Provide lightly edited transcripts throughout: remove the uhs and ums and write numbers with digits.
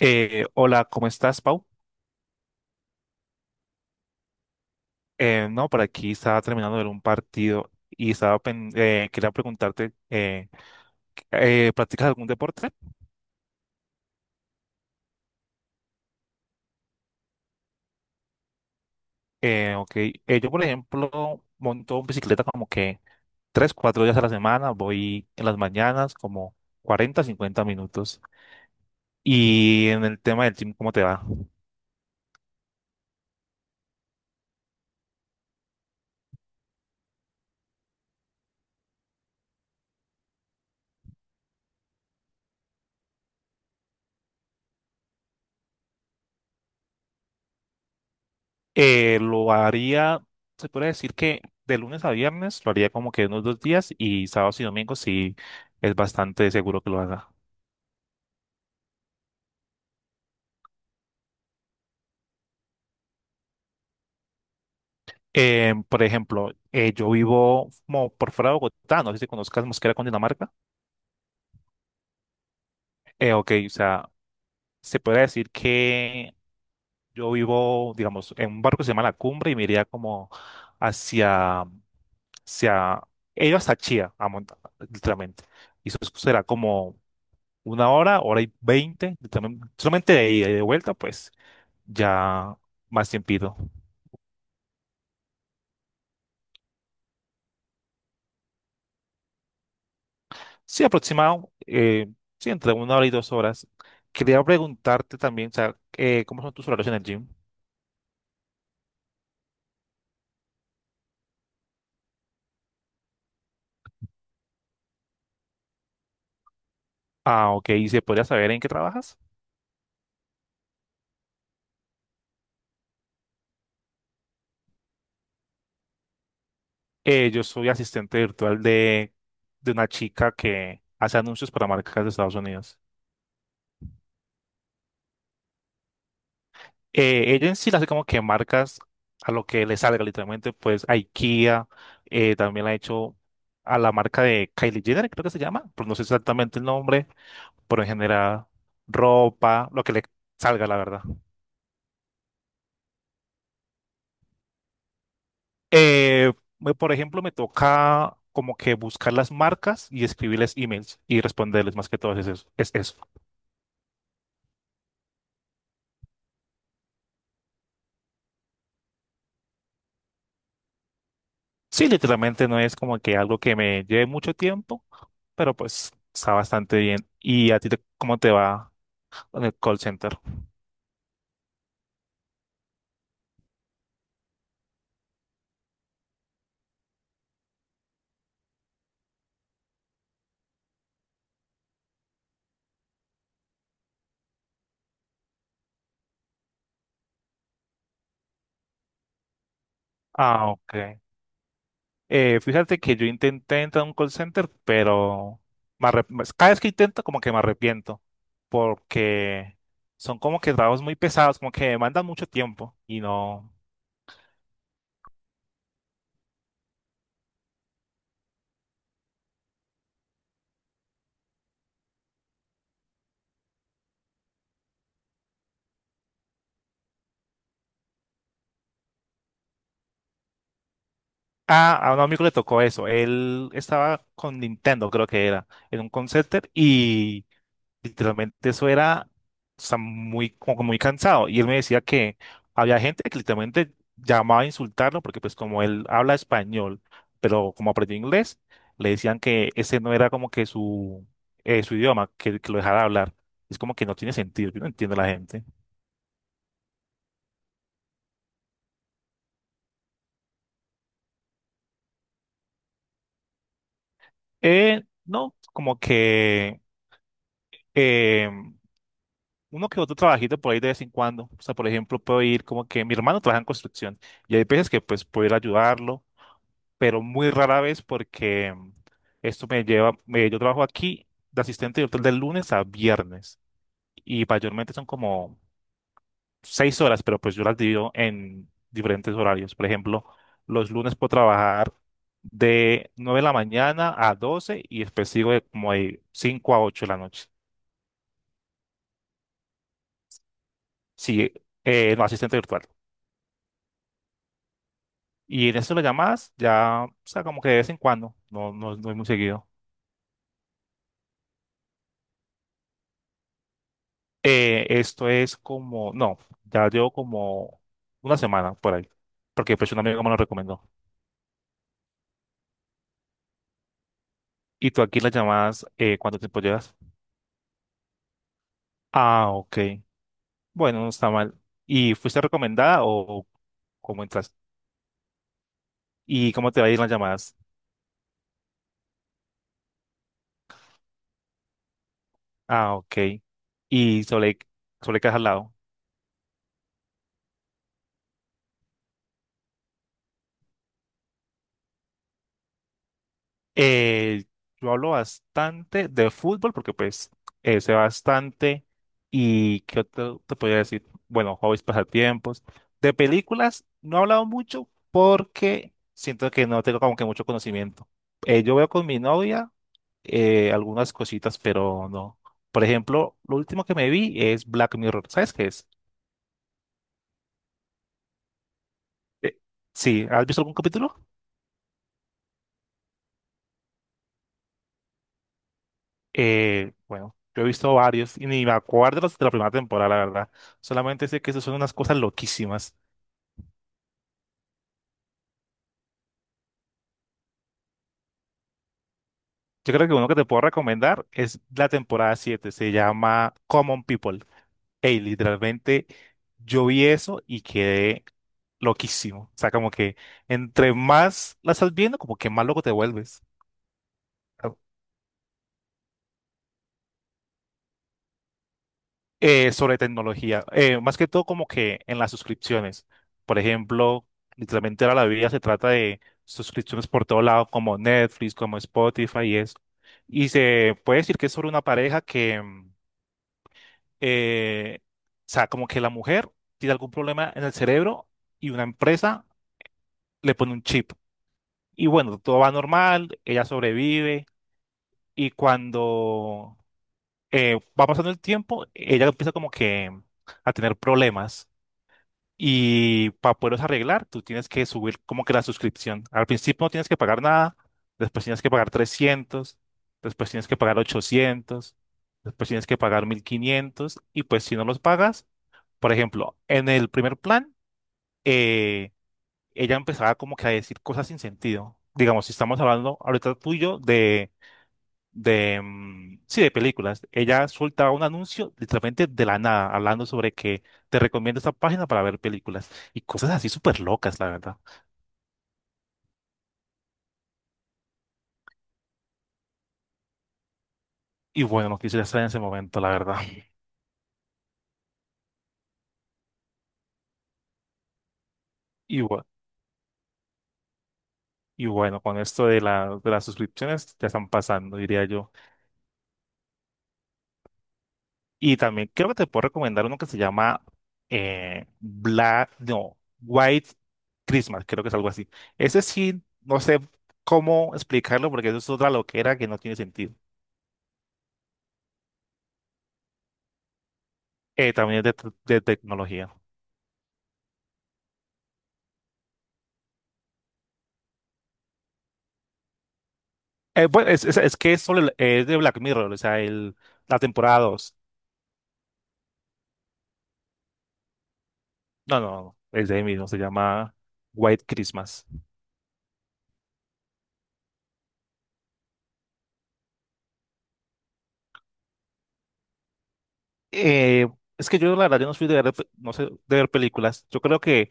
Hola, ¿cómo estás, Pau? No, por aquí estaba terminando de ver un partido y estaba quería preguntarte, ¿practicas algún deporte? Ok, yo por ejemplo monto bicicleta como que tres, cuatro días a la semana, voy en las mañanas como 40, 50 minutos. Y en el tema del gym, ¿cómo te va? Lo haría, se puede decir que de lunes a viernes lo haría como que unos dos días y sábados y domingos sí es bastante seguro que lo haga. Por ejemplo, yo vivo como por fuera de Bogotá, no sé si conozcas Mosquera, Dinamarca. Ok, o sea, se puede decir que yo vivo, digamos, en un barco que se llama La Cumbre y me iría como hacia, hacia, he ido hasta Chía, a literalmente. Y eso será como una hora, hora y veinte, solamente de ida y de vuelta, pues ya más tiempito. Sí, aproximado, sí, entre una hora y dos horas. Quería preguntarte también, o sea, ¿cómo son tus horarios en el gym? Ah, ok, ¿y se podría saber en qué trabajas? Yo soy asistente virtual de una chica que hace anuncios para marcas de Estados Unidos. Ella en sí le hace como que marcas a lo que le salga, literalmente, pues IKEA, también la ha hecho a la marca de Kylie Jenner, creo que se llama, pero no sé exactamente el nombre, pero en general ropa, lo que le salga, la verdad. Eh, por ejemplo, me toca como que buscar las marcas y escribirles emails y responderles, más que todo es eso. Es eso. Sí, literalmente no es como que algo que me lleve mucho tiempo, pero pues está bastante bien. ¿Y a ti, cómo te va en el call center? Ah, ok. Fíjate que yo intenté entrar a un call center, pero pues, cada vez que intento como que me arrepiento, porque son como que trabajos muy pesados, como que demandan mucho tiempo y no... Ah, a un amigo le tocó eso, él estaba con Nintendo, creo que era, en un call center y literalmente eso era, o sea, muy, como que muy cansado. Y él me decía que había gente que literalmente llamaba a insultarlo porque pues como él habla español, pero como aprendió inglés, le decían que ese no era como que su, su idioma, que lo dejara hablar. Es como que no tiene sentido, yo no entiendo a la gente. No, como que eh, uno que otro trabajito por ahí de vez en cuando. O sea, por ejemplo, puedo ir como que mi hermano trabaja en construcción y hay veces que pues puedo ir a ayudarlo, pero muy rara vez porque esto me lleva, yo trabajo aquí de asistente de hotel de lunes a viernes y mayormente son como seis horas, pero pues yo las divido en diferentes horarios. Por ejemplo, los lunes puedo trabajar de 9 de la mañana a 12 y después sigo de como de 5 a 8 de la noche. Sí, no, asistente virtual. Y en eso las llamadas ya, o sea, como que de vez en cuando, no, no, no es muy seguido. Esto es como, no, ya llevo como una semana por ahí, porque pues un amigo me lo recomendó. ¿Y tú aquí las llamadas, cuánto tiempo llevas? Ah, ok. Bueno, no está mal. ¿Y fuiste recomendada o cómo entras? ¿Y cómo te va a ir las llamadas? Ah, ok. ¿Y sobre qué has hablado? Eh, yo hablo bastante de fútbol porque pues sé bastante y qué otro te podría decir, bueno, hobbies, pasatiempos. De películas no he hablado mucho porque siento que no tengo como que mucho conocimiento. Yo veo con mi novia algunas cositas, pero no. Por ejemplo, lo último que me vi es Black Mirror. ¿Sabes qué es? Eh, sí, ¿has visto algún capítulo? Bueno, yo he visto varios y ni me acuerdo los de la primera temporada, la verdad. Solamente sé que eso son unas cosas loquísimas. Yo creo que uno que te puedo recomendar es la temporada 7. Se llama Common People. Ey, literalmente yo vi eso y quedé loquísimo. O sea, como que entre más la estás viendo, como que más loco te vuelves. Sobre tecnología, más que todo como que en las suscripciones. Por ejemplo, literalmente ahora la vida se trata de suscripciones por todo lado, como Netflix, como Spotify y eso. Y se puede decir que es sobre una pareja que, o sea, como que la mujer tiene algún problema en el cerebro y una empresa le pone un chip. Y bueno, todo va normal, ella sobrevive y cuando va pasando el tiempo, ella empieza como que a tener problemas. Y para poderlos arreglar, tú tienes que subir como que la suscripción. Al principio no tienes que pagar nada, después tienes que pagar trescientos, después tienes que pagar ochocientos, después tienes que pagar 1500 y pues si no los pagas, por ejemplo, en el primer plan, eh, ella empezaba como que a decir cosas sin sentido. Digamos, si estamos hablando ahorita tú y tuyo de sí, de películas. Ella soltaba un anuncio literalmente de la nada, hablando sobre que te recomiendo esta página para ver películas y cosas así súper locas, la verdad. Y bueno, no quisiera estar en ese momento, la verdad. Y, bu- y bueno, con esto de de las suscripciones ya están pasando, diría yo. Y también creo que te puedo recomendar uno que se llama Black, no, White Christmas, creo que es algo así. Ese sí, no sé cómo explicarlo porque eso es otra loquera que no tiene sentido. También es de tecnología. Bueno, es que es, solo el- es de Black Mirror, o sea, la temporada 2. No, no, no, es de ahí mismo, se llama White Christmas. Eh, es que yo, la verdad, yo no soy de ver, no sé, de ver películas. Yo creo que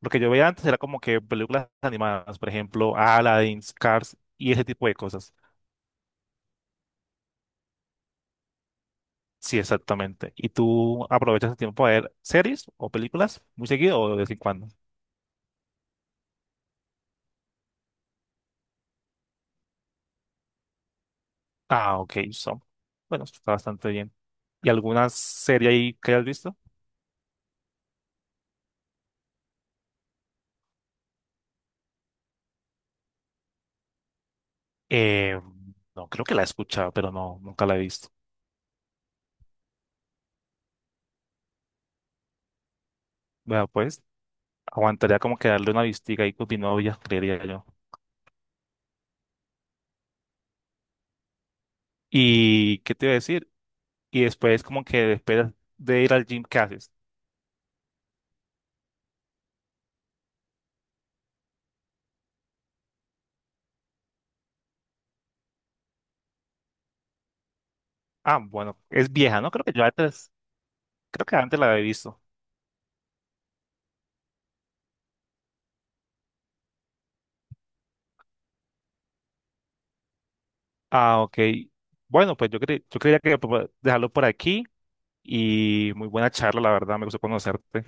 lo que yo veía antes era como que películas animadas, por ejemplo, Aladdin, Cars y ese tipo de cosas. Sí, exactamente. ¿Y tú aprovechas el tiempo a ver series o películas muy seguido o de vez en cuando? Ah, ok, so. Bueno, esto está bastante bien. ¿Y alguna serie ahí que hayas visto? Eh, no, creo que la he escuchado, pero no, nunca la he visto. Bueno, pues aguantaría como que darle una vistiga ahí con mi novia, creería yo. ¿Y qué te iba a decir? Y después como que después de ir al gym, ¿qué haces? Ah, bueno, es vieja, ¿no? Creo que yo antes, creo que antes la había visto. Ah, ok. Bueno, pues yo creía que dejarlo por aquí y muy buena charla, la verdad, me gustó conocerte.